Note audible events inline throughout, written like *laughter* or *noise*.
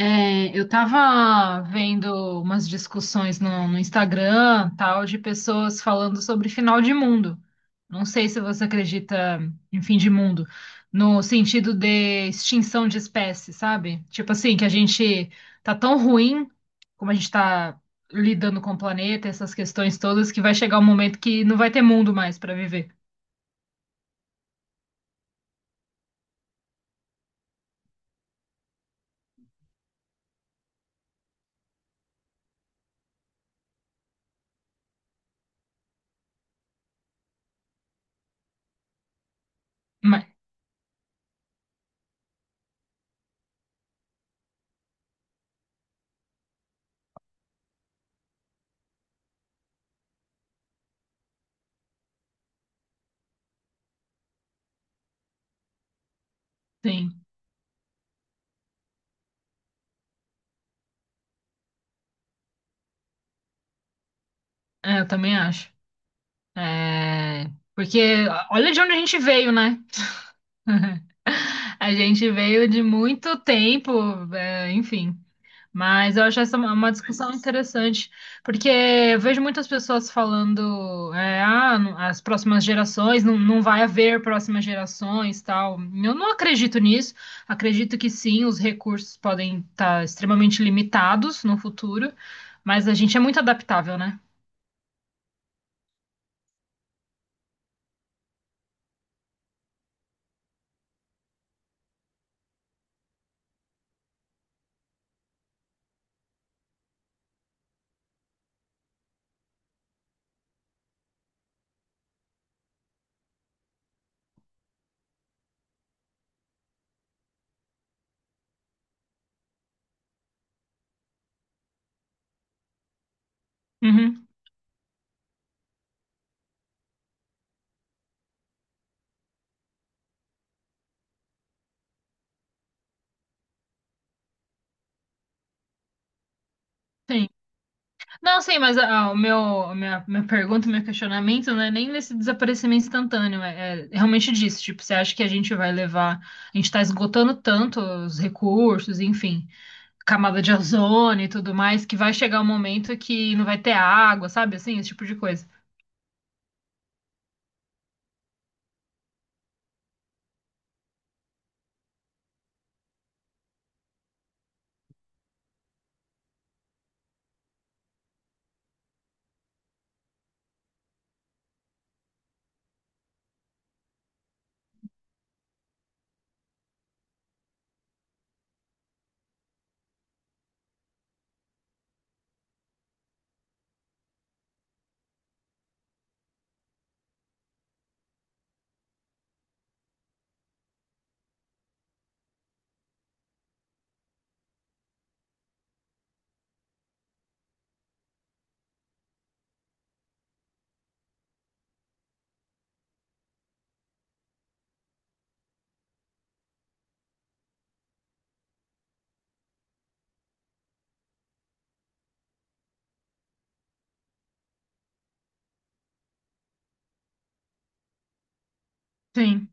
É, eu tava vendo umas discussões no Instagram, tal, de pessoas falando sobre final de mundo. Não sei se você acredita em fim de mundo, no sentido de extinção de espécies, sabe? Tipo assim, que a gente tá tão ruim, como a gente tá lidando com o planeta, essas questões todas, que vai chegar um momento que não vai ter mundo mais para viver. Mas, sim, é, eu também acho. É, porque olha de onde a gente veio, né? *laughs* A gente veio de muito tempo, é, enfim. Mas eu acho essa uma discussão interessante, porque eu vejo muitas pessoas falando, as próximas gerações, não, não vai haver próximas gerações, tal. Eu não acredito nisso. Acredito que sim, os recursos podem estar extremamente limitados no futuro, mas a gente é muito adaptável, né? Uhum, sim. Não, sim, mas minha pergunta, meu questionamento não é nem nesse desaparecimento instantâneo, é realmente disso. Tipo, você acha que a gente vai levar, a gente tá esgotando tanto os recursos, enfim, camada de ozônio e tudo mais, que vai chegar um momento que não vai ter água, sabe? Assim, esse tipo de coisa. Sim.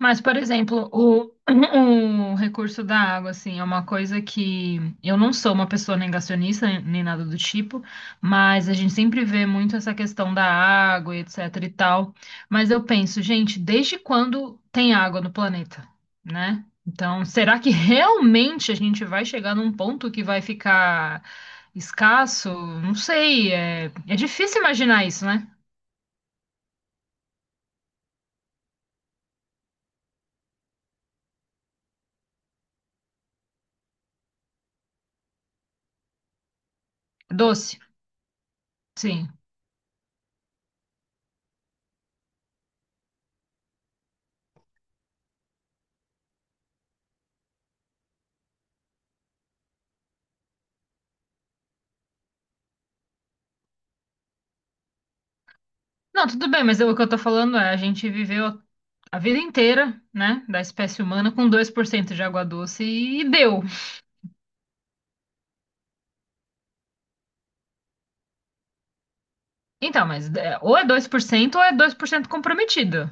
Mas, por exemplo, *clears throat* o recurso da água, assim, é uma coisa que eu não sou uma pessoa negacionista nem nada do tipo, mas a gente sempre vê muito essa questão da água, e etc e tal. Mas eu penso, gente, desde quando tem água no planeta, né? Então, será que *laughs* realmente a gente vai chegar num ponto que vai ficar escasso? Não sei, é difícil imaginar isso, né? Doce, sim. Não, tudo bem, mas o que eu tô falando é, a gente viveu a vida inteira, né, da espécie humana com 2% de água doce e deu. Então, mas é, ou é 2% ou é 2% comprometido.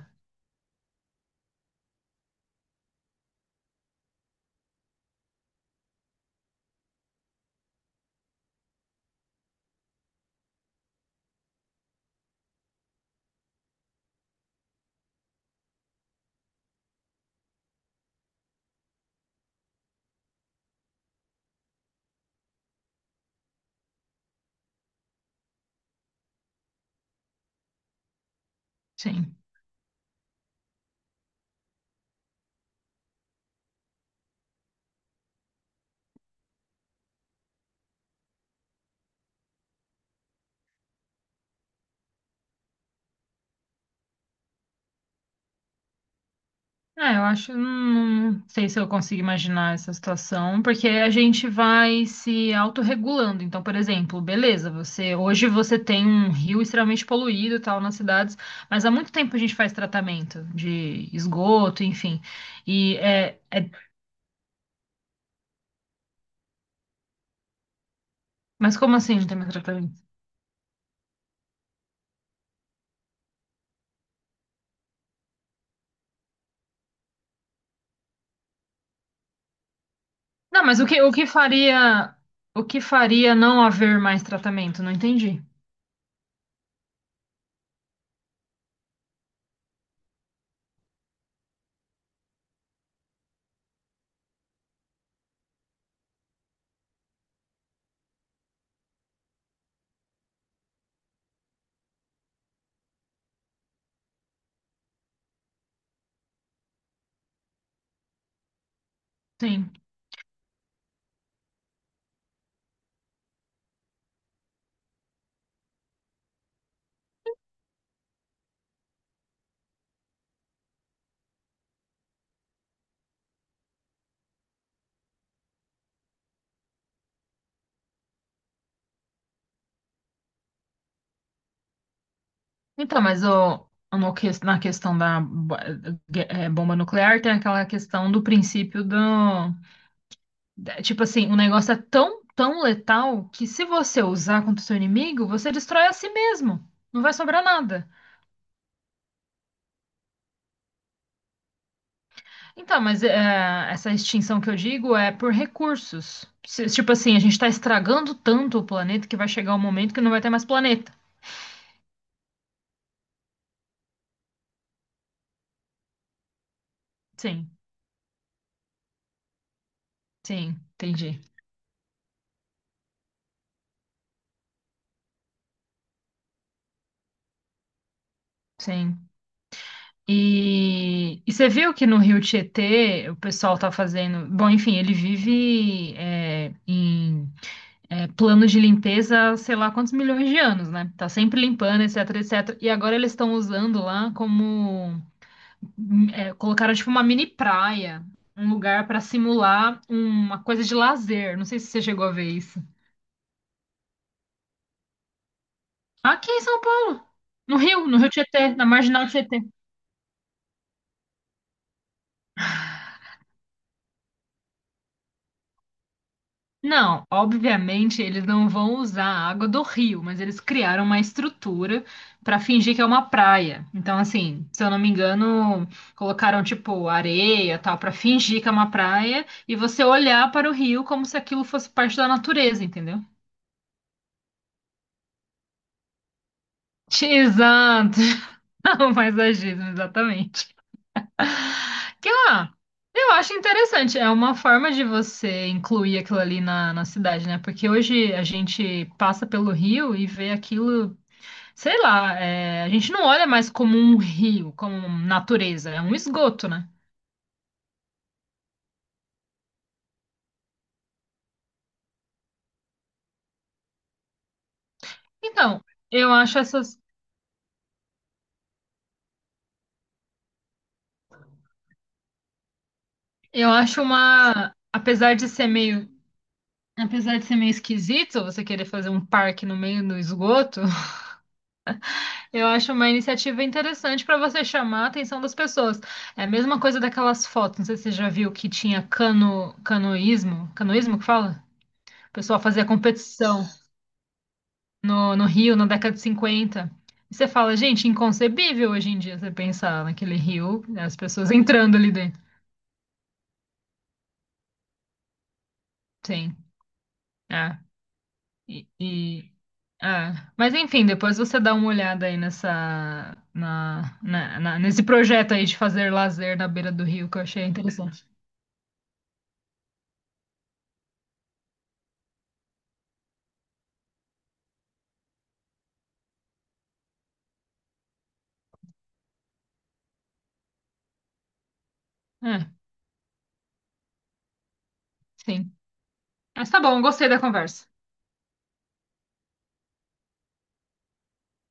Sim. É, eu acho, não sei se eu consigo imaginar essa situação, porque a gente vai se autorregulando. Então, por exemplo, beleza, você hoje você tem um rio extremamente poluído e tal nas cidades, mas há muito tempo a gente faz tratamento de esgoto, enfim. E é, é Mas como assim não tem mais tratamento? Não, mas o que faria não haver mais tratamento? Não entendi. Sim. Então, mas o, no que- na questão da bomba nuclear tem aquela questão do princípio tipo assim, o negócio é tão, tão letal que se você usar contra o seu inimigo, você destrói a si mesmo. Não vai sobrar nada. Então, mas é, essa extinção que eu digo é por recursos. Tipo assim, a gente está estragando tanto o planeta que vai chegar um momento que não vai ter mais planeta. Sim, sim, entendi. Sim. E você viu que no Rio Tietê o pessoal tá fazendo. Bom, enfim, ele vive em plano de limpeza, há sei lá quantos milhões de anos, né? Tá sempre limpando, etc, etc. E agora eles estão usando lá como. Colocaram tipo uma mini praia, um lugar para simular uma coisa de lazer. Não sei se você chegou a ver isso. Aqui em São Paulo, no Rio Tietê, na marginal Tietê. Não, obviamente eles não vão usar a água do rio, mas eles criaram uma estrutura para fingir que é uma praia. Então, assim, se eu não me engano, colocaram tipo areia, tal, para fingir que é uma praia e você olhar para o rio como se aquilo fosse parte da natureza, entendeu? *laughs* Exato. *laughs* Mais agido, exatamente. Que, eu acho interessante. É uma forma de você incluir aquilo ali na cidade, né? Porque hoje a gente passa pelo rio e vê aquilo, sei lá, a gente não olha mais como um rio, como natureza, é um esgoto, né? Então, eu acho essas, eu acho uma, apesar de ser meio esquisito você querer fazer um parque no meio do esgoto, eu acho uma iniciativa interessante para você chamar a atenção das pessoas. É a mesma coisa daquelas fotos, não sei se você já viu que tinha canoísmo, canoísmo que fala? O pessoal fazia competição no Rio na década de 50. E você fala, gente, inconcebível hoje em dia você pensar naquele rio, né, as pessoas *laughs* entrando ali dentro. Sim, é. E, e- É. Mas enfim, depois você dá uma olhada aí nessa, na, na- na- nesse projeto aí de fazer lazer na beira do rio que eu achei interessante. É. Sim. Mas tá bom, gostei da conversa.